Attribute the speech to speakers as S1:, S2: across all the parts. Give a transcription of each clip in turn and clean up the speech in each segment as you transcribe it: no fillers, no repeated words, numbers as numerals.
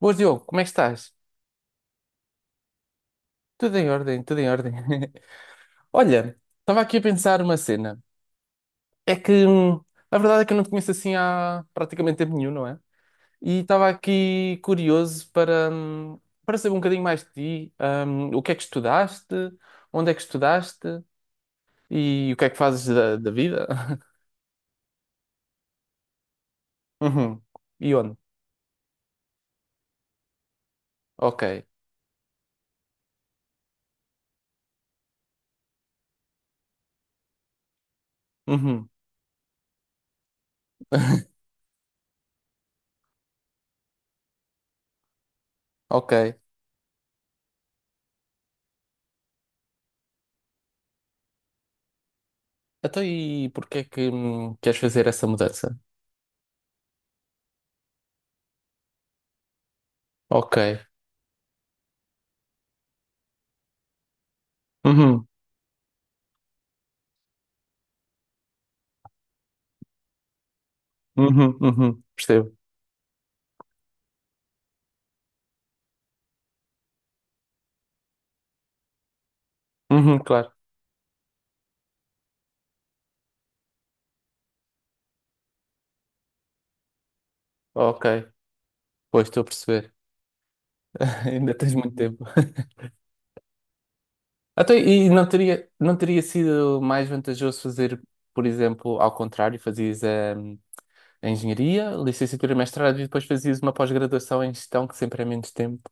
S1: Boas, Diogo, como é que estás? Tudo em ordem, tudo em ordem. Olha, estava aqui a pensar uma cena. É que a verdade é que eu não te conheço assim há praticamente tempo nenhum, não é? E estava aqui curioso para saber um bocadinho mais de ti. O que é que estudaste? Onde é que estudaste? E o que é que fazes da vida? Uhum. E onde? Ok. Uhum. Ok. Então, e porquê é que queres fazer essa mudança? Ok. Uhum. Uhum. Uhum. Percebo. Uhum, claro. Ok. Pois estou a perceber. Ainda tens muito tempo. Até, e não teria sido mais vantajoso fazer, por exemplo, ao contrário, fazias hum, a engenharia, licenciatura, mestrado e depois fazias uma pós-graduação em gestão, que sempre é menos tempo.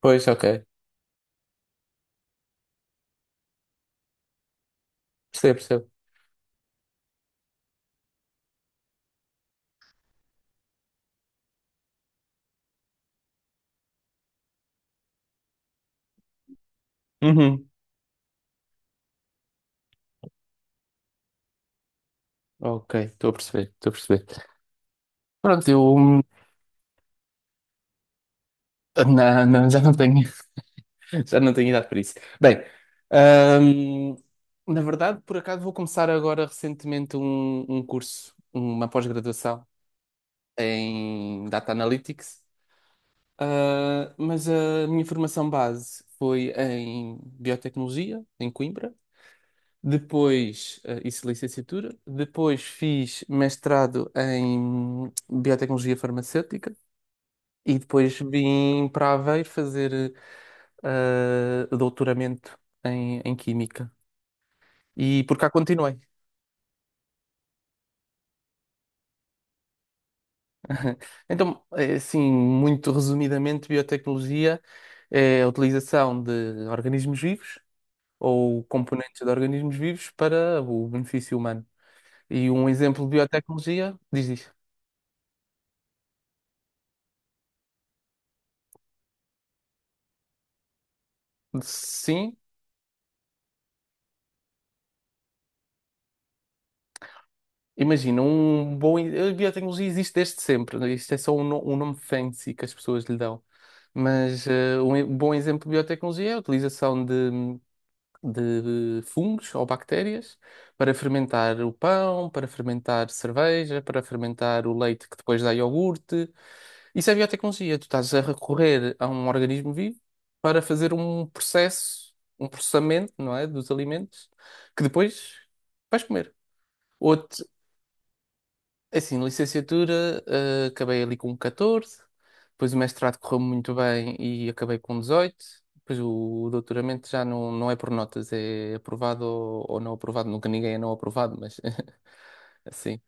S1: Pois, ok. Percebo, percebo. Uhum. Ok, estou a perceber, estou a perceber. Pronto, eu já não tenho Já não tenho idade para isso. Bem, ahm, na verdade, por acaso, vou começar agora recentemente um curso, uma pós-graduação em Data Analytics. Ah, mas a minha formação base foi em Biotecnologia, em Coimbra, depois isso licenciatura, depois fiz mestrado em Biotecnologia Farmacêutica e depois vim para Aveiro fazer doutoramento em Química. E por cá continuei. Então, assim, muito resumidamente, biotecnologia é a utilização de organismos vivos ou componentes de organismos vivos para o benefício humano. E um exemplo de biotecnologia diz isto. Sim, imagina, um bom. A biotecnologia existe desde sempre, né? Isto é só um nome fancy que as pessoas lhe dão. Mas um bom exemplo de biotecnologia é a utilização de fungos ou bactérias para fermentar o pão, para fermentar cerveja, para fermentar o leite que depois dá iogurte. Isso é biotecnologia. Tu estás a recorrer a um organismo vivo para fazer um processo, um processamento, não é, dos alimentos que depois vais comer. É assim, licenciatura, acabei ali com 14, depois o mestrado correu muito bem e acabei com 18, depois o doutoramento já não, não é por notas, é aprovado ou não aprovado, nunca ninguém é não aprovado, mas assim.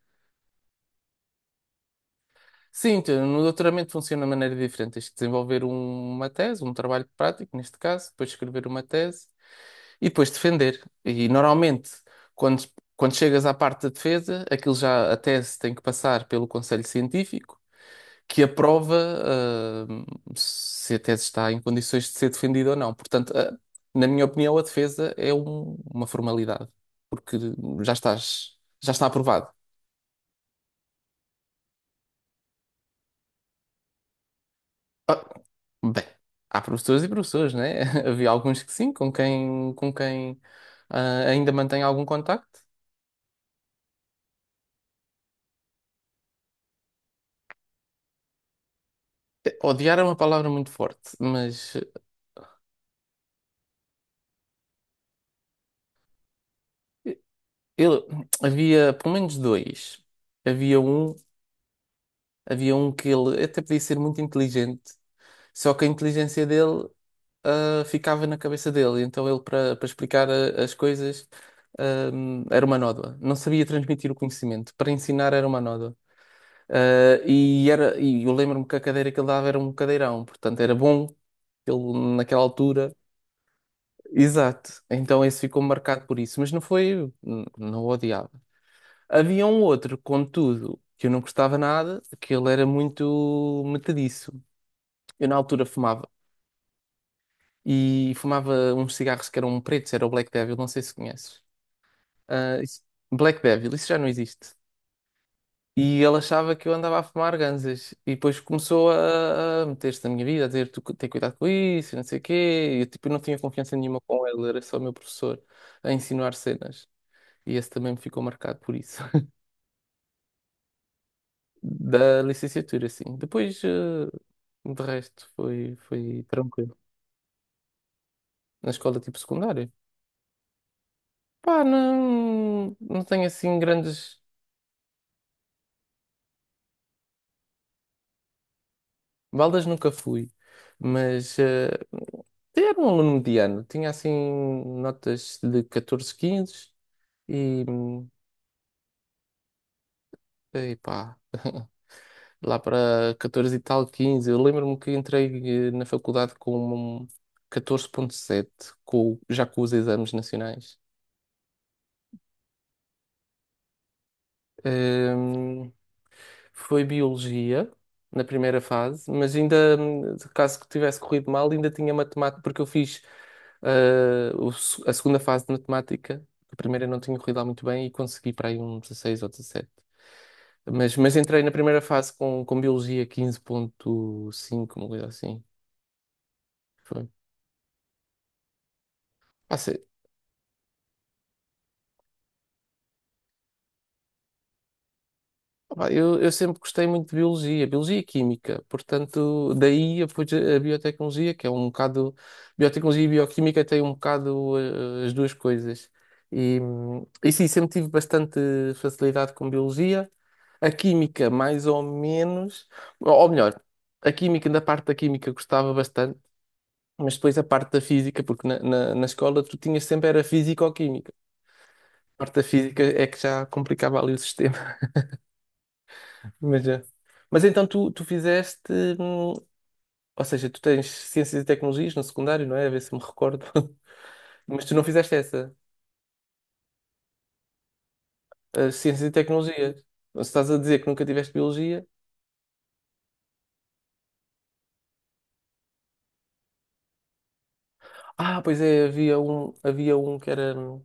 S1: Sim, então, no doutoramento funciona de maneira diferente, tens que desenvolver uma tese, um trabalho prático, neste caso, depois escrever uma tese e depois defender. E normalmente, quando, quando chegas à parte da defesa, aquilo já, a tese tem que passar pelo conselho científico, que aprova ah, se a tese está em condições de ser defendida ou não. Portanto, na minha opinião, a defesa é uma formalidade, porque já estás, já está aprovado. Ah, Bem, há professores e professores, né? Havia alguns que sim, com quem ainda mantém algum contacto. Odiar é uma palavra muito forte, mas eh, ele havia pelo menos dois. Havia um, Havia um que ele até podia ser muito inteligente, só que a inteligência dele ficava na cabeça dele. Então ele, para explicar as coisas, ah, era uma nódoa. Não sabia transmitir o conhecimento. Para ensinar era uma nódoa. E eu lembro-me que a cadeira que ele dava era um cadeirão. Portanto, era bom que ele, naquela altura. Exato. Então esse ficou marcado por isso. Mas não foi... Não o odiava. Havia um outro, contudo, que eu não gostava nada, que ele era muito metediço. Eu na altura fumava e fumava uns cigarros que eram pretos, era o Black Devil, não sei se conheces. Ah, isso- Black Devil, isso já não existe. E ele achava que eu andava a fumar ganzas. E depois começou a meter-se na minha vida, a dizer: tu tem cuidado com isso, e não sei o quê. E eu tipo, não tinha confiança nenhuma com ele, era só o meu professor a ensinar cenas. E esse também me ficou marcado por isso. Da licenciatura, sim. Depois, de resto, foi tranquilo. Na escola tipo secundária. Pá, não, não tenho assim grandes. Baldas nunca fui, mas era um aluno mediano. Tinha assim notas de 14, 15 e, hum, e pá, lá para 14 e tal, 15. Eu lembro-me que entrei na faculdade com um 14,7, com, já com os exames nacionais. Ehm, Foi biologia na primeira fase, mas ainda, caso que tivesse corrido mal, ainda tinha matemática, porque eu fiz ah, o se- a segunda fase de matemática. A primeira não tinha corrido lá muito bem e consegui para aí um 16 ou 17. Mas entrei na primeira fase com biologia 15.5, uma coisa assim. Foi. Eu sempre gostei muito de biologia, biologia e química, portanto, daí depois a biotecnologia, que é um bocado. Biotecnologia e bioquímica têm um bocado as duas coisas. E sim, sempre tive bastante facilidade com biologia. A química, mais ou menos. Ou melhor, a química, na parte da química, gostava bastante, mas depois a parte da física, porque na escola tu tinhas sempre era física ou química. A parte da física é que já complicava ali o sistema. Mas, é. Mas então tu fizeste, hum, ou seja, tu tens Ciências e Tecnologias no secundário, não é? A ver se me recordo. Mas tu não fizeste essa, as Ciências e Tecnologias. Se estás a dizer que nunca tiveste Biologia. Pois é, havia um que era.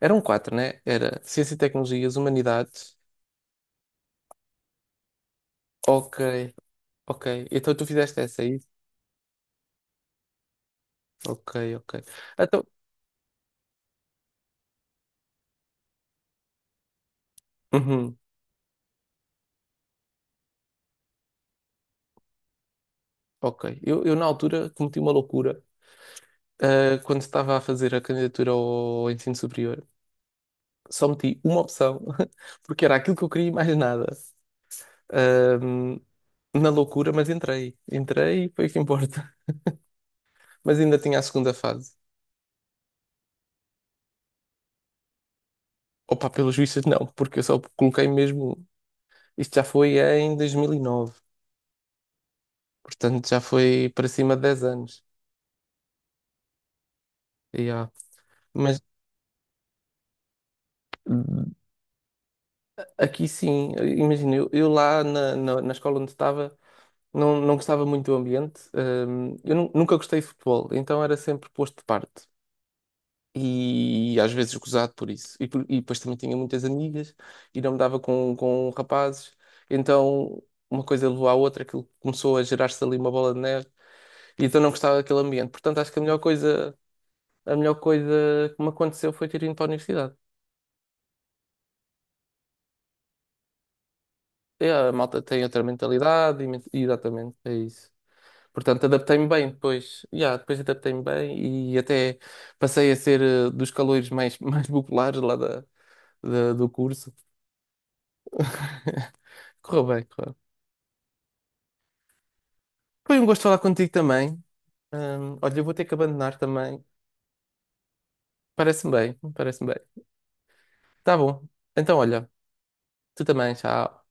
S1: Eram quatro, né? Era Ciências e Tecnologias, Humanidades. Ok, ok. Então tu fizeste essa aí? Ok, ok. Então, uhum, ok. Eu na altura cometi uma loucura. Quando estava a fazer a candidatura ao ensino superior, só meti uma opção, porque era aquilo que eu queria e mais nada. Ahm, Na loucura, mas entrei. Entrei e foi o que importa. Mas ainda tinha a segunda fase. Opa, pelos vistos, não, porque eu só coloquei mesmo. Isto já foi em 2009, portanto já foi para cima de 10 anos. E, ah, Mas hum, aqui sim, imagina, eu lá na escola onde estava. Não, não gostava muito do ambiente. Eu nunca gostei de futebol, então era sempre posto de parte, e às vezes gozado por isso. E depois também tinha muitas amigas e não me dava com rapazes. Então uma coisa levou à outra, aquilo começou a gerar-se ali uma bola de neve e então não gostava daquele ambiente. Portanto, acho que a melhor coisa que me aconteceu foi ter ido para a universidade. É, a malta tem outra mentalidade e exatamente, é isso. Portanto, adaptei-me bem depois. Yeah, depois adaptei-me bem e até passei a ser dos caloiros mais, mais populares lá do curso. Correu bem, correu. Foi um gosto falar contigo também. Olha, eu vou ter que abandonar também. Parece-me bem, parece-me bem. Tá bom. Então, olha, tu também, tchau.